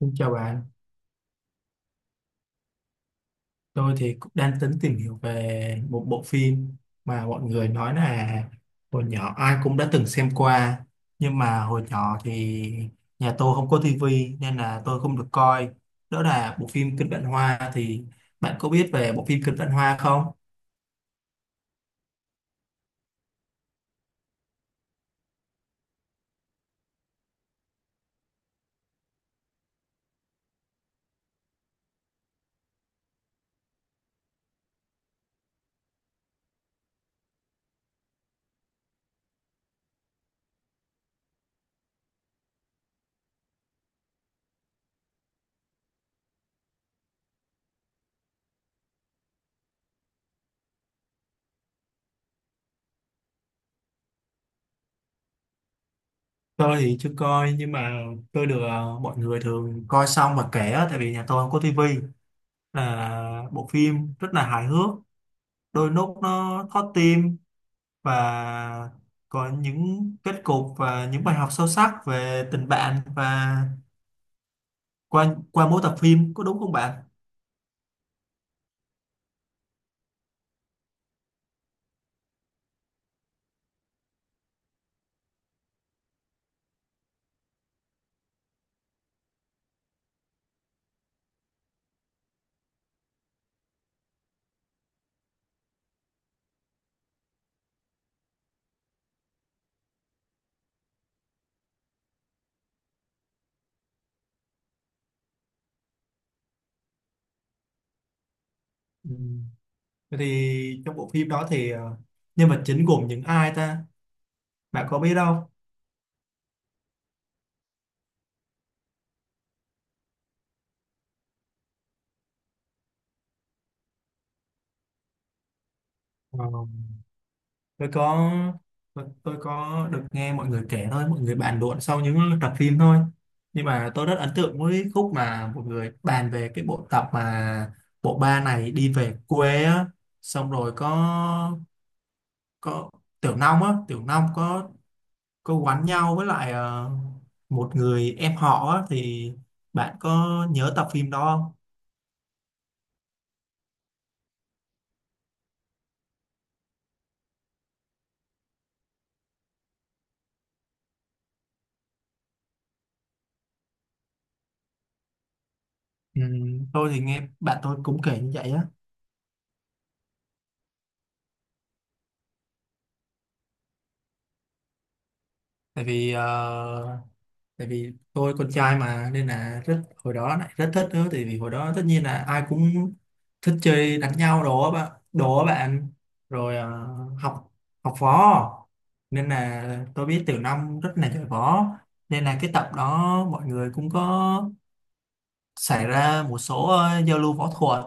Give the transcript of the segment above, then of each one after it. Xin chào bạn, tôi thì cũng đang tính tìm hiểu về một bộ phim mà mọi người nói là hồi nhỏ ai cũng đã từng xem qua nhưng mà hồi nhỏ thì nhà tôi không có tivi nên là tôi không được coi đó là bộ phim Kinh Vạn Hoa thì bạn có biết về bộ phim Kinh Vạn Hoa không? Tôi thì chưa coi nhưng mà tôi được mọi người thường coi xong và kể á, tại vì nhà tôi không có tivi là bộ phim rất là hài hước đôi lúc nó thót tim và có những kết cục và những bài học sâu sắc về tình bạn và qua qua mỗi tập phim có đúng không bạn? Ừ. Vậy thì trong bộ phim đó thì nhân vật chính gồm những ai ta? Bạn có biết đâu? Ờ, tôi có tôi có được nghe mọi người kể thôi, mọi người bàn luận sau những tập phim thôi. Nhưng mà tôi rất ấn tượng với khúc mà mọi người bàn về cái bộ tập mà bộ ba này đi về quê á, xong rồi có Tiểu Long á, Tiểu Long có quán nhau với lại một người em họ á thì bạn có nhớ tập phim đó không? Ừ, tôi thì nghe bạn tôi cũng kể như vậy á, tại vì tại vì tôi con trai mà nên là rất hồi đó lại rất thích nữa, tại vì hồi đó tất nhiên là ai cũng thích chơi đánh nhau đồ á bạn rồi học học võ nên là tôi biết Tiểu Long rất là giỏi võ nên là cái tập đó mọi người cũng có xảy ra một số giao lưu võ thuật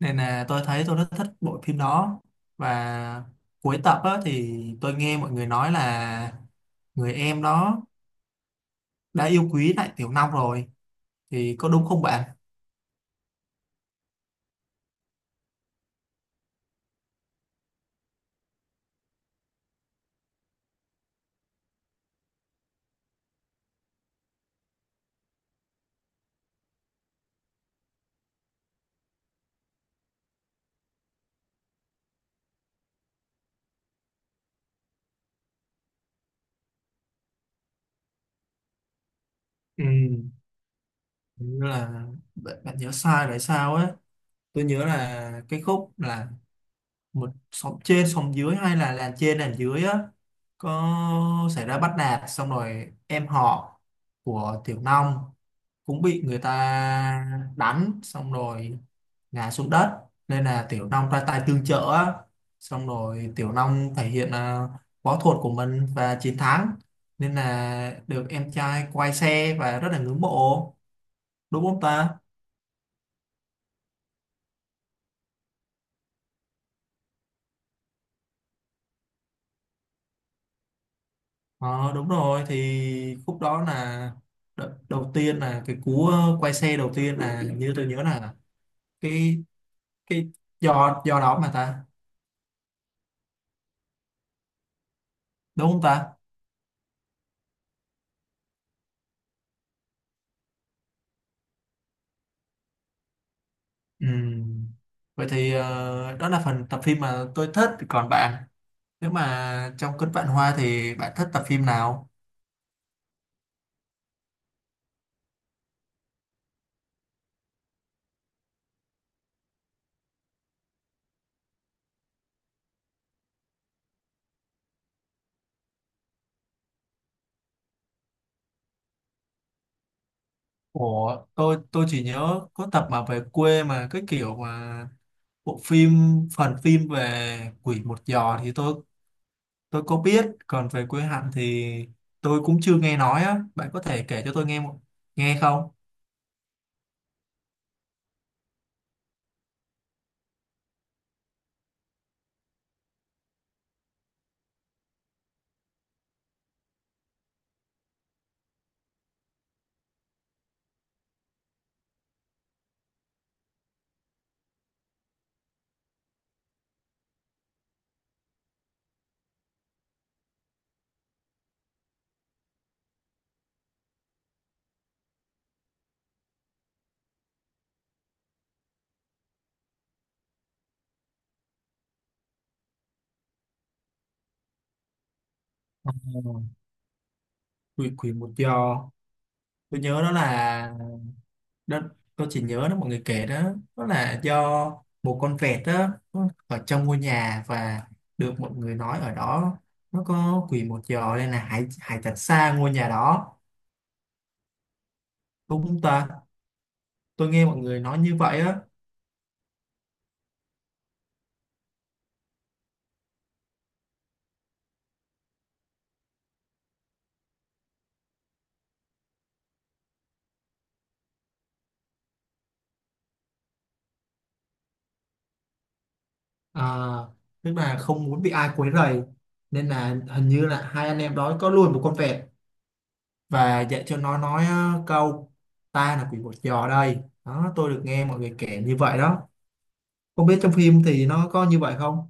nên là tôi thấy tôi rất thích bộ phim đó và cuối tập á, thì tôi nghe mọi người nói là người em đó đã yêu quý lại Tiểu Long rồi thì có đúng không bạn? Ừ. Hình như là bạn nhớ sai rồi sao á, tôi nhớ là cái khúc là một xóm trên xóm dưới hay là làng trên làng dưới á có xảy ra bắt nạt xong rồi em họ của Tiểu Long cũng bị người ta đánh xong rồi ngã xuống đất nên là Tiểu Long ra tay tương trợ á. Xong rồi Tiểu Long thể hiện à, võ thuật của mình và chiến thắng nên là được em trai quay xe và rất là ngưỡng mộ đúng không ta? Ờ, đúng rồi, thì khúc đó là đầu tiên là cái cú quay xe đầu tiên là, như tôi nhớ là cái cái giò giò đó mà ta, đúng không ta? Ừm, Vậy thì đó là phần tập phim mà tôi thích. Còn bạn, nếu mà trong Cơn Vạn Hoa thì bạn thích tập phim nào? Ủa, tôi chỉ nhớ có tập mà về quê mà cái kiểu mà bộ phim phần phim về Quỷ Một Giò thì tôi có biết, còn về quê Hạnh thì tôi cũng chưa nghe nói á. Bạn có thể kể cho tôi nghe một nghe không? Ừ. Quỷ Quỷ Một Giò. Tôi nhớ đó là, đó tôi chỉ nhớ nó mọi người kể đó, đó là do một con vẹt đó nó ở trong ngôi nhà và được mọi người nói ở đó nó có quỷ một giò nên là hãy hãy tránh xa ngôi nhà đó, đúng không ta? Tôi nghe mọi người nói như vậy á. À, tức là không muốn bị ai quấy rầy nên là hình như là hai anh em đó có nuôi một con vẹt và dạy cho nó nói câu ta là quỷ một giò đây, đó tôi được nghe mọi người kể như vậy đó, không biết trong phim thì nó có như vậy không.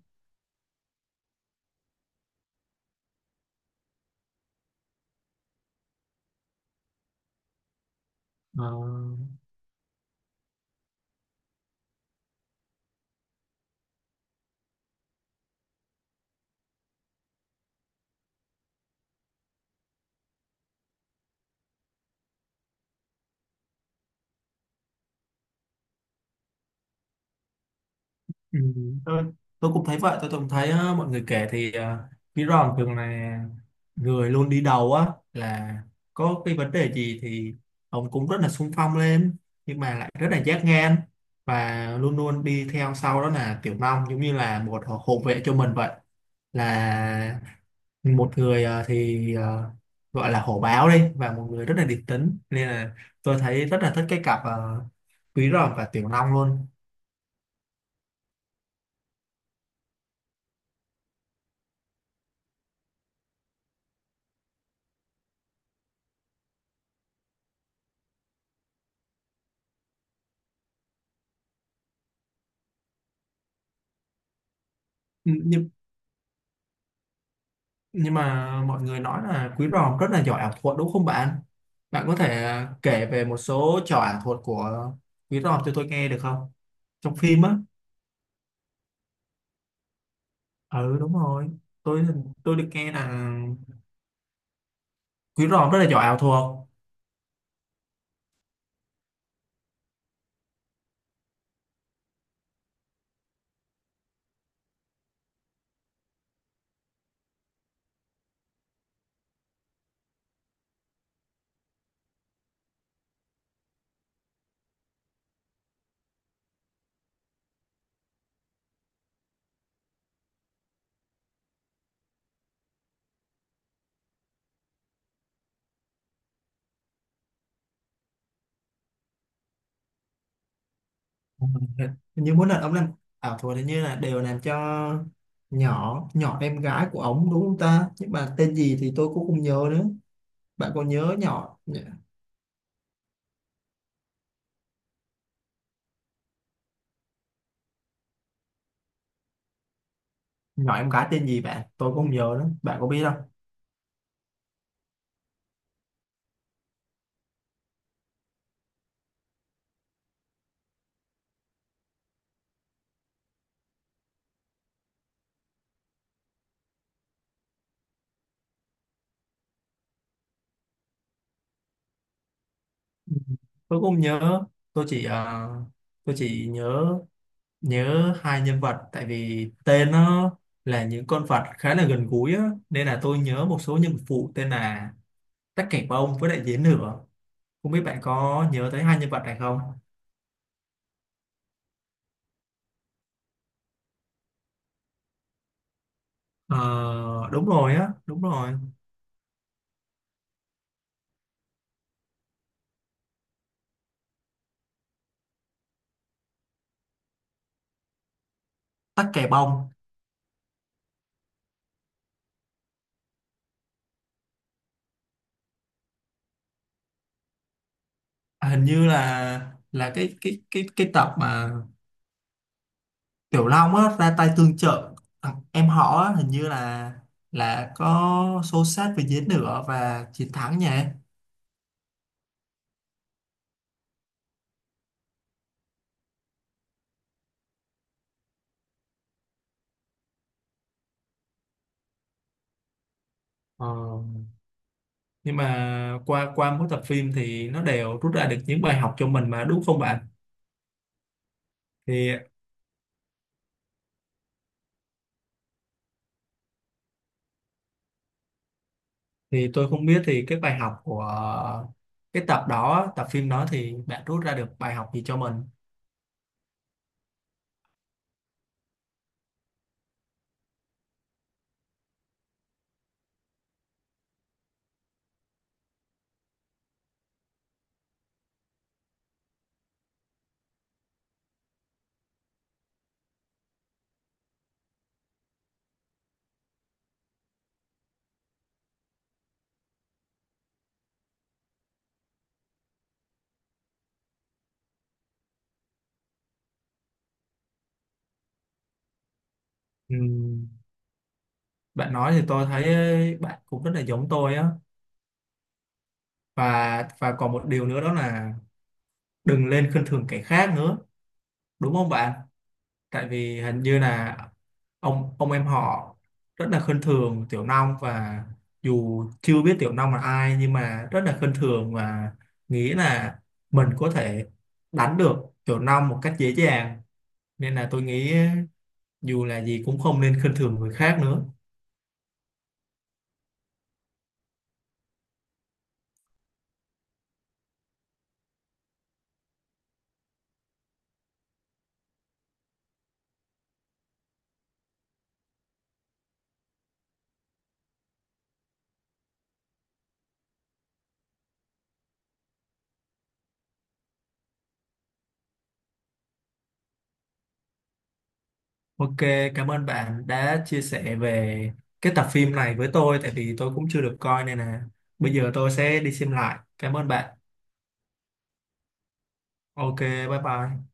Ờ. Ừ, tôi, tôi cũng thấy vậy, tôi cũng thấy á, mọi người kể thì Mỹ Ròn thường là người luôn đi đầu á, là có cái vấn đề gì thì ông cũng rất là xung phong lên nhưng mà lại rất là giác ngang và luôn luôn đi theo sau đó là Tiểu Long giống như là một hộ vệ cho mình vậy, là một người gọi là hổ báo đi và một người rất là điềm tĩnh nên là tôi thấy rất là thích cái cặp Quý Ròm và Tiểu Long luôn. Nhưng mà mọi người nói là Quý Ròm rất là giỏi ảo thuật đúng không bạn? Bạn có thể à, kể về một số trò ảo thuật của Quý Ròm cho tôi nghe được không? Trong phim á. Ừ đúng rồi. Tôi tôi được nghe là Quý Ròm rất là giỏi ảo thuật. Ừ. Hình như mỗi lần ông làm ảo thuật hình như là đều làm cho nhỏ nhỏ em gái của ông đúng không ta? Nhưng mà tên gì thì tôi cũng không nhớ nữa. Bạn có nhớ nhỏ nhỏ em gái tên gì bạn? Tôi cũng không nhớ nữa. Bạn có biết, tôi cũng không nhớ, tôi chỉ tôi chỉ nhớ nhớ hai nhân vật tại vì tên nó là những con vật khá là gần gũi á, nên là tôi nhớ một số nhân vật phụ tên là Tắc Cảnh Bông với lại Dế Nửa, không biết bạn có nhớ tới hai nhân vật này không. Ờ, đúng rồi á đúng rồi. Tắc Kè Bông. À, hình như là cái tập mà Tiểu Long á ra tay tương trợ thằng em họ á, hình như là có xô xát với dế nữa và chiến thắng nhỉ. Ờ, nhưng mà qua qua mỗi tập phim thì nó đều rút ra được những bài học cho mình mà đúng không bạn? Thì thì tôi không biết thì cái bài học của cái tập đó, tập phim đó thì bạn rút ra được bài học gì cho mình? Ừm, bạn nói thì tôi thấy bạn cũng rất là giống tôi á, và còn một điều nữa đó là đừng lên khinh thường kẻ khác nữa, đúng không bạn? Tại vì hình như là ông em họ rất là khinh thường Tiểu Long và dù chưa biết Tiểu Long là ai nhưng mà rất là khinh thường và nghĩ là mình có thể đánh được Tiểu Long một cách dễ dàng, nên là tôi nghĩ dù là gì cũng không nên khinh thường người khác nữa. Ok, cảm ơn bạn đã chia sẻ về cái tập phim này với tôi, tại vì tôi cũng chưa được coi nên là bây giờ tôi sẽ đi xem lại, cảm ơn bạn. Ok, bye bye.